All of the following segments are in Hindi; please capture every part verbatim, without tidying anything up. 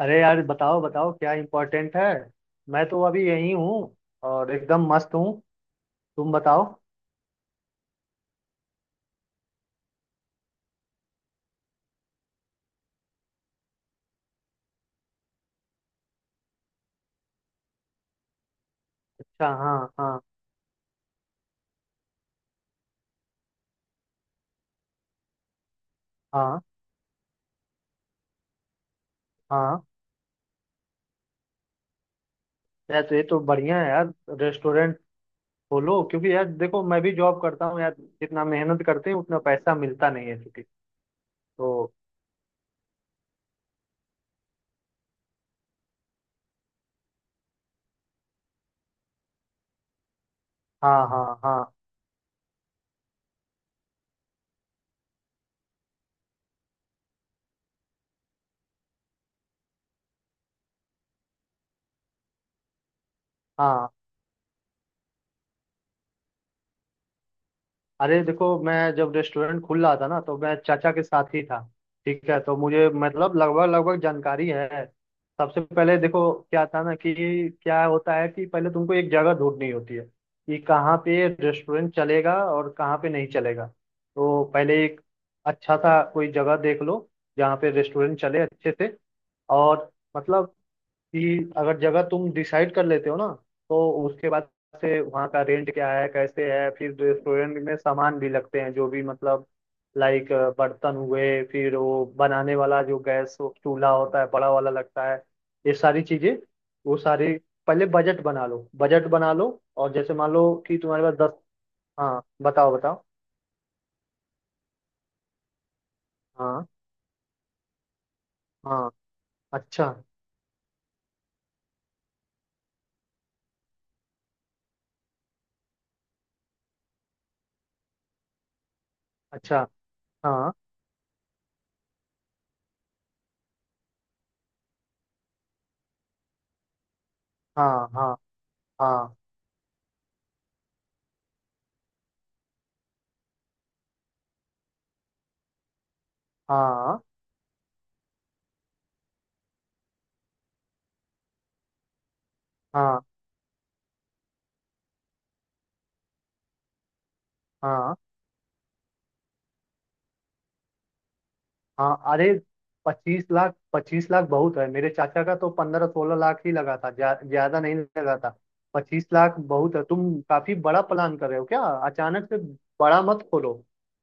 अरे यार बताओ बताओ क्या इम्पोर्टेंट है। मैं तो अभी यही हूँ और एकदम मस्त हूँ। तुम बताओ। अच्छा हाँ हाँ। हाँ हाँ यार, तो ये तो बढ़िया है यार। रेस्टोरेंट खोलो, क्योंकि यार देखो मैं भी जॉब करता हूँ यार, जितना मेहनत करते हैं उतना पैसा मिलता नहीं है क्योंकि। तो हाँ हाँ हाँ। हाँ अरे देखो, मैं जब रेस्टोरेंट खुल रहा था ना तो मैं चाचा के साथ ही था। ठीक है, तो मुझे मतलब लगभग लगभग जानकारी है। सबसे पहले देखो क्या था ना कि क्या होता है कि पहले तुमको एक जगह ढूंढनी होती है कि कहाँ पे रेस्टोरेंट चलेगा और कहाँ पे नहीं चलेगा। तो पहले एक अच्छा सा कोई जगह देख लो जहाँ पे रेस्टोरेंट चले अच्छे से। और मतलब कि अगर जगह तुम डिसाइड कर लेते हो ना, तो उसके बाद से वहाँ का रेंट क्या है, कैसे है, फिर रेस्टोरेंट में सामान भी लगते हैं जो भी, मतलब लाइक बर्तन हुए, फिर वो बनाने वाला जो गैस चूल्हा होता है बड़ा वाला लगता है, ये सारी चीजें वो सारी। पहले बजट बना लो, बजट बना लो। और जैसे मान लो कि तुम्हारे पास दस। हाँ बताओ बताओ। हाँ हाँ। अच्छा अच्छा। हाँ हाँ हाँ हाँ हाँ हाँ हाँ हाँ। अरे पच्चीस लाख पच्चीस लाख बहुत है। मेरे चाचा का तो पंद्रह सोलह लाख ही लगा था, ज्या- ज्यादा नहीं लगा था। पच्चीस लाख बहुत है। तुम काफी बड़ा प्लान कर रहे हो क्या अचानक से? बड़ा मत खोलो,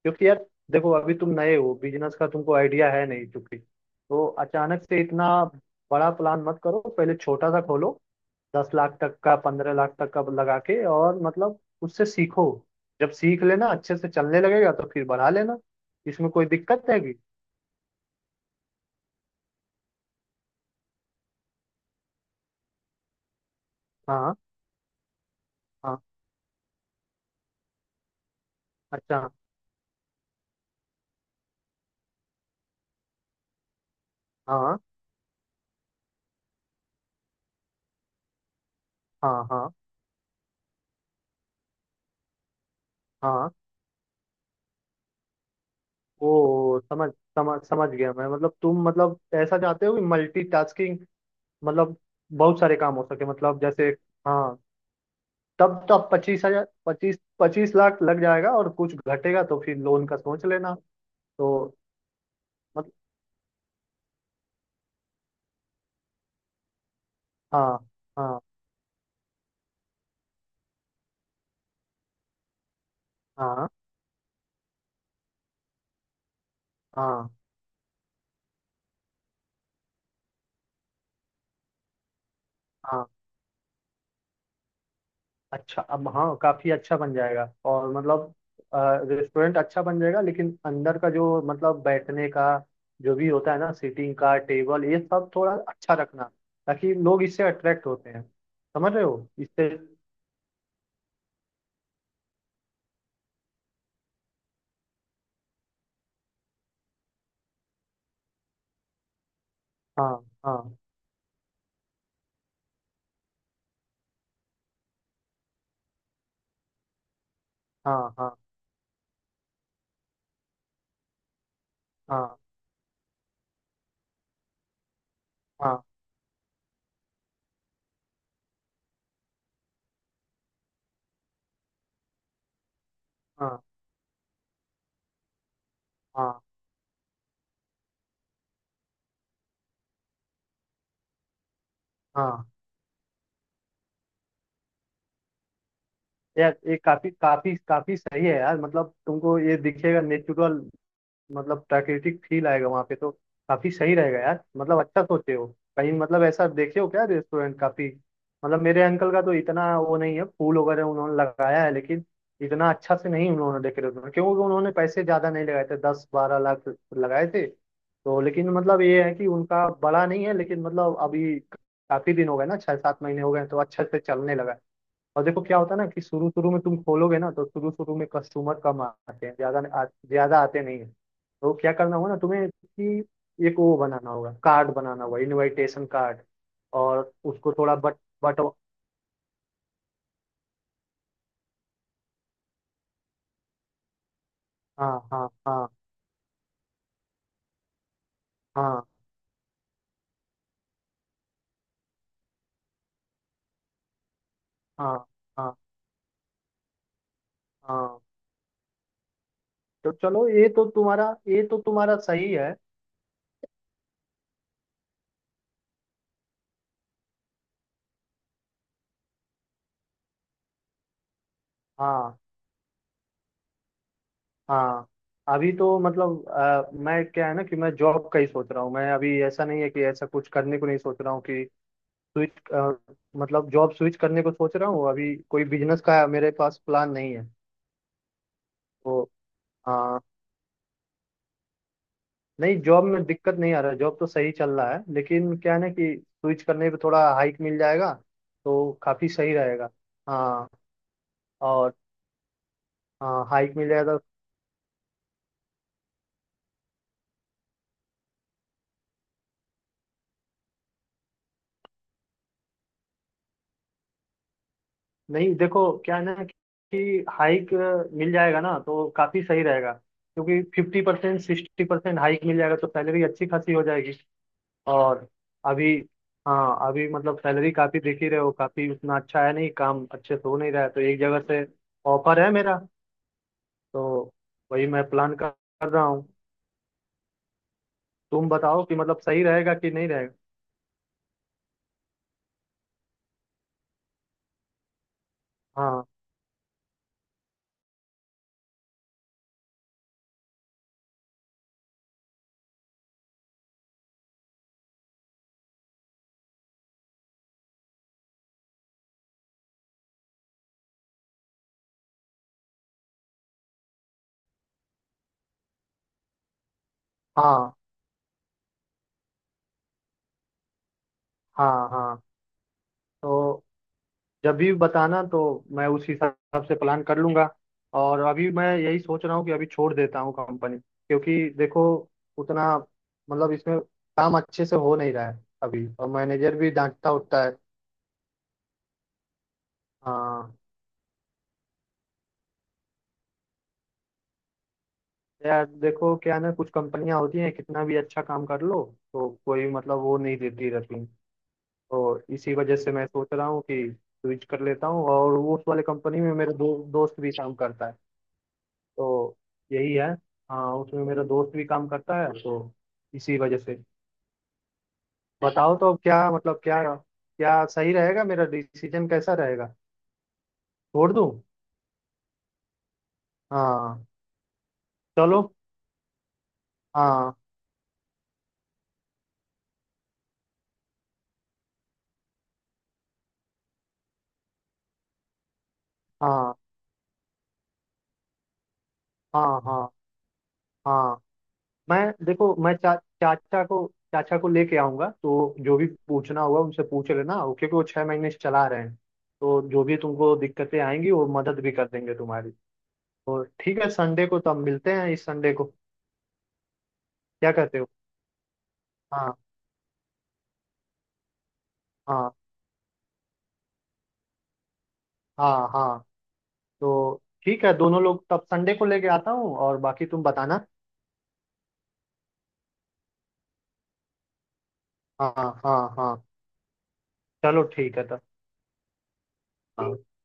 क्योंकि यार देखो अभी तुम नए हो, बिजनेस का तुमको आइडिया है नहीं चूंकि। तो अचानक से इतना बड़ा प्लान मत करो, पहले छोटा सा खोलो। दस लाख तक का, पंद्रह लाख तक का लगा के, और मतलब उससे सीखो। जब सीख लेना, अच्छे से चलने लगेगा, तो फिर बढ़ा लेना। इसमें कोई दिक्कत है कि। हाँ हाँ अच्छा। हाँ हाँ हाँ हाँ। वो समझ समझ समझ गया मैं, मतलब तुम मतलब ऐसा चाहते हो कि मल्टीटास्किंग, मतलब बहुत सारे काम हो सके, मतलब जैसे। हाँ। तब तब पच्चीस हजार पच्चीस पच्चीस लाख लग जाएगा, और कुछ घटेगा तो फिर लोन का सोच लेना। तो मतलब। हाँ हाँ हाँ हाँ हाँ। अच्छा अब। हाँ काफी अच्छा बन जाएगा, और मतलब रेस्टोरेंट अच्छा बन जाएगा, लेकिन अंदर का जो मतलब बैठने का जो भी होता है ना, सीटिंग का टेबल, ये सब थोड़ा अच्छा रखना, ताकि लोग इससे अट्रैक्ट होते हैं। समझ रहे हो इससे। हाँ हाँ हाँ हाँ हाँ हाँ हाँ हाँ हाँ यार, ये काफी काफी काफी सही है यार, मतलब तुमको ये दिखेगा नेचुरल, मतलब प्राकृतिक फील आएगा वहां पे, तो काफी सही रहेगा यार, मतलब अच्छा सोचे हो। कहीं मतलब ऐसा देखे हो क्या रेस्टोरेंट काफी? मतलब मेरे अंकल का तो इतना वो नहीं है, फूल वगैरह उन्होंने लगाया है, लेकिन इतना अच्छा से नहीं उन्होंने डेकोरेट, क्योंकि उन्होंने पैसे ज्यादा नहीं लगाए थे, दस बारह लाख लगाए थे तो। लेकिन मतलब ये है कि उनका बड़ा नहीं है, लेकिन मतलब अभी काफी दिन हो गए ना, छह सात महीने हो गए हैं, तो अच्छे से चलने लगा है। और देखो क्या होता है ना कि शुरू शुरू में तुम खोलोगे ना, तो शुरू शुरू में कस्टमर कम आते हैं, ज्यादा आ- ज्यादा आते नहीं है। तो क्या करना होगा ना तुम्हें कि एक वो बनाना होगा, कार्ड बनाना होगा, इनविटेशन कार्ड, और उसको थोड़ा बट बट। हाँ हाँ हाँ हाँ हाँ हाँ हाँ। तो चलो, ये तो तुम्हारा ये तो तुम्हारा सही है। हाँ हाँ। अभी तो मतलब अ, मैं क्या है ना कि मैं जॉब का ही सोच रहा हूँ। मैं अभी ऐसा नहीं है कि ऐसा कुछ करने को नहीं सोच रहा हूँ कि स्विच अ, मतलब जॉब स्विच करने को सोच रहा हूँ। अभी कोई बिजनेस का मेरे पास प्लान नहीं है। तो अ, नहीं, जॉब में दिक्कत नहीं आ रहा, जॉब तो सही चल रहा है, लेकिन क्या है ना कि स्विच करने पे थोड़ा हाइक मिल जाएगा, तो काफी सही रहेगा। हाँ और हाइक मिल जाएगा तो। नहीं देखो क्या है ना कि हाइक मिल जाएगा ना, तो काफी सही रहेगा, क्योंकि fifty percent sixty percent hike मिल जाएगा, तो सैलरी अच्छी खासी हो जाएगी। और अभी। हाँ अभी मतलब सैलरी काफ़ी देख ही रहे हो, काफ़ी उतना अच्छा है नहीं, काम अच्छे से हो नहीं रहा है, तो एक जगह से ऑफर है मेरा। तो वही मैं प्लान कर कर रहा हूँ। तुम बताओ कि मतलब सही रहेगा कि नहीं रहेगा। हाँ हाँ हाँ हाँ। तो जब भी बताना, तो मैं उस हिसाब से प्लान कर लूँगा। और अभी मैं यही सोच रहा हूँ कि अभी छोड़ देता हूँ कंपनी, क्योंकि देखो उतना मतलब इसमें काम अच्छे से हो नहीं रहा है अभी, और मैनेजर भी डांटता उठता है। हाँ यार देखो क्या है ना, कुछ कंपनियां होती हैं, कितना भी अच्छा काम कर लो तो कोई मतलब वो नहीं देती रहती। तो इसी वजह से मैं सोच रहा हूँ कि स्विच कर लेता हूँ, और वो उस वाले कंपनी में मेरे दो, दोस्त भी काम करता है। तो यही है। हाँ उसमें मेरा दोस्त भी काम करता है, तो इसी वजह से। बताओ तो अब क्या, मतलब क्या क्या सही रहेगा, मेरा डिसीजन कैसा रहेगा, छोड़ दूँ? हाँ चलो। हाँ हाँ हाँ हाँ हाँ। मैं देखो, मैं चा, चाचा को चाचा को लेके आऊंगा, तो जो भी पूछना होगा उनसे पूछ लेना, वो- क्योंकि वो छह महीने से चला रहे हैं। तो जो भी तुमको दिक्कतें आएंगी वो मदद भी कर देंगे तुम्हारी। तो ठीक है, संडे को तब मिलते हैं, इस संडे को। क्या कहते हो? हाँ हाँ हाँ हाँ। तो ठीक है, दोनों लोग तब संडे को लेके आता हूँ, और बाकी तुम बताना। हाँ हाँ हाँ। चलो ठीक है तब। हाँ।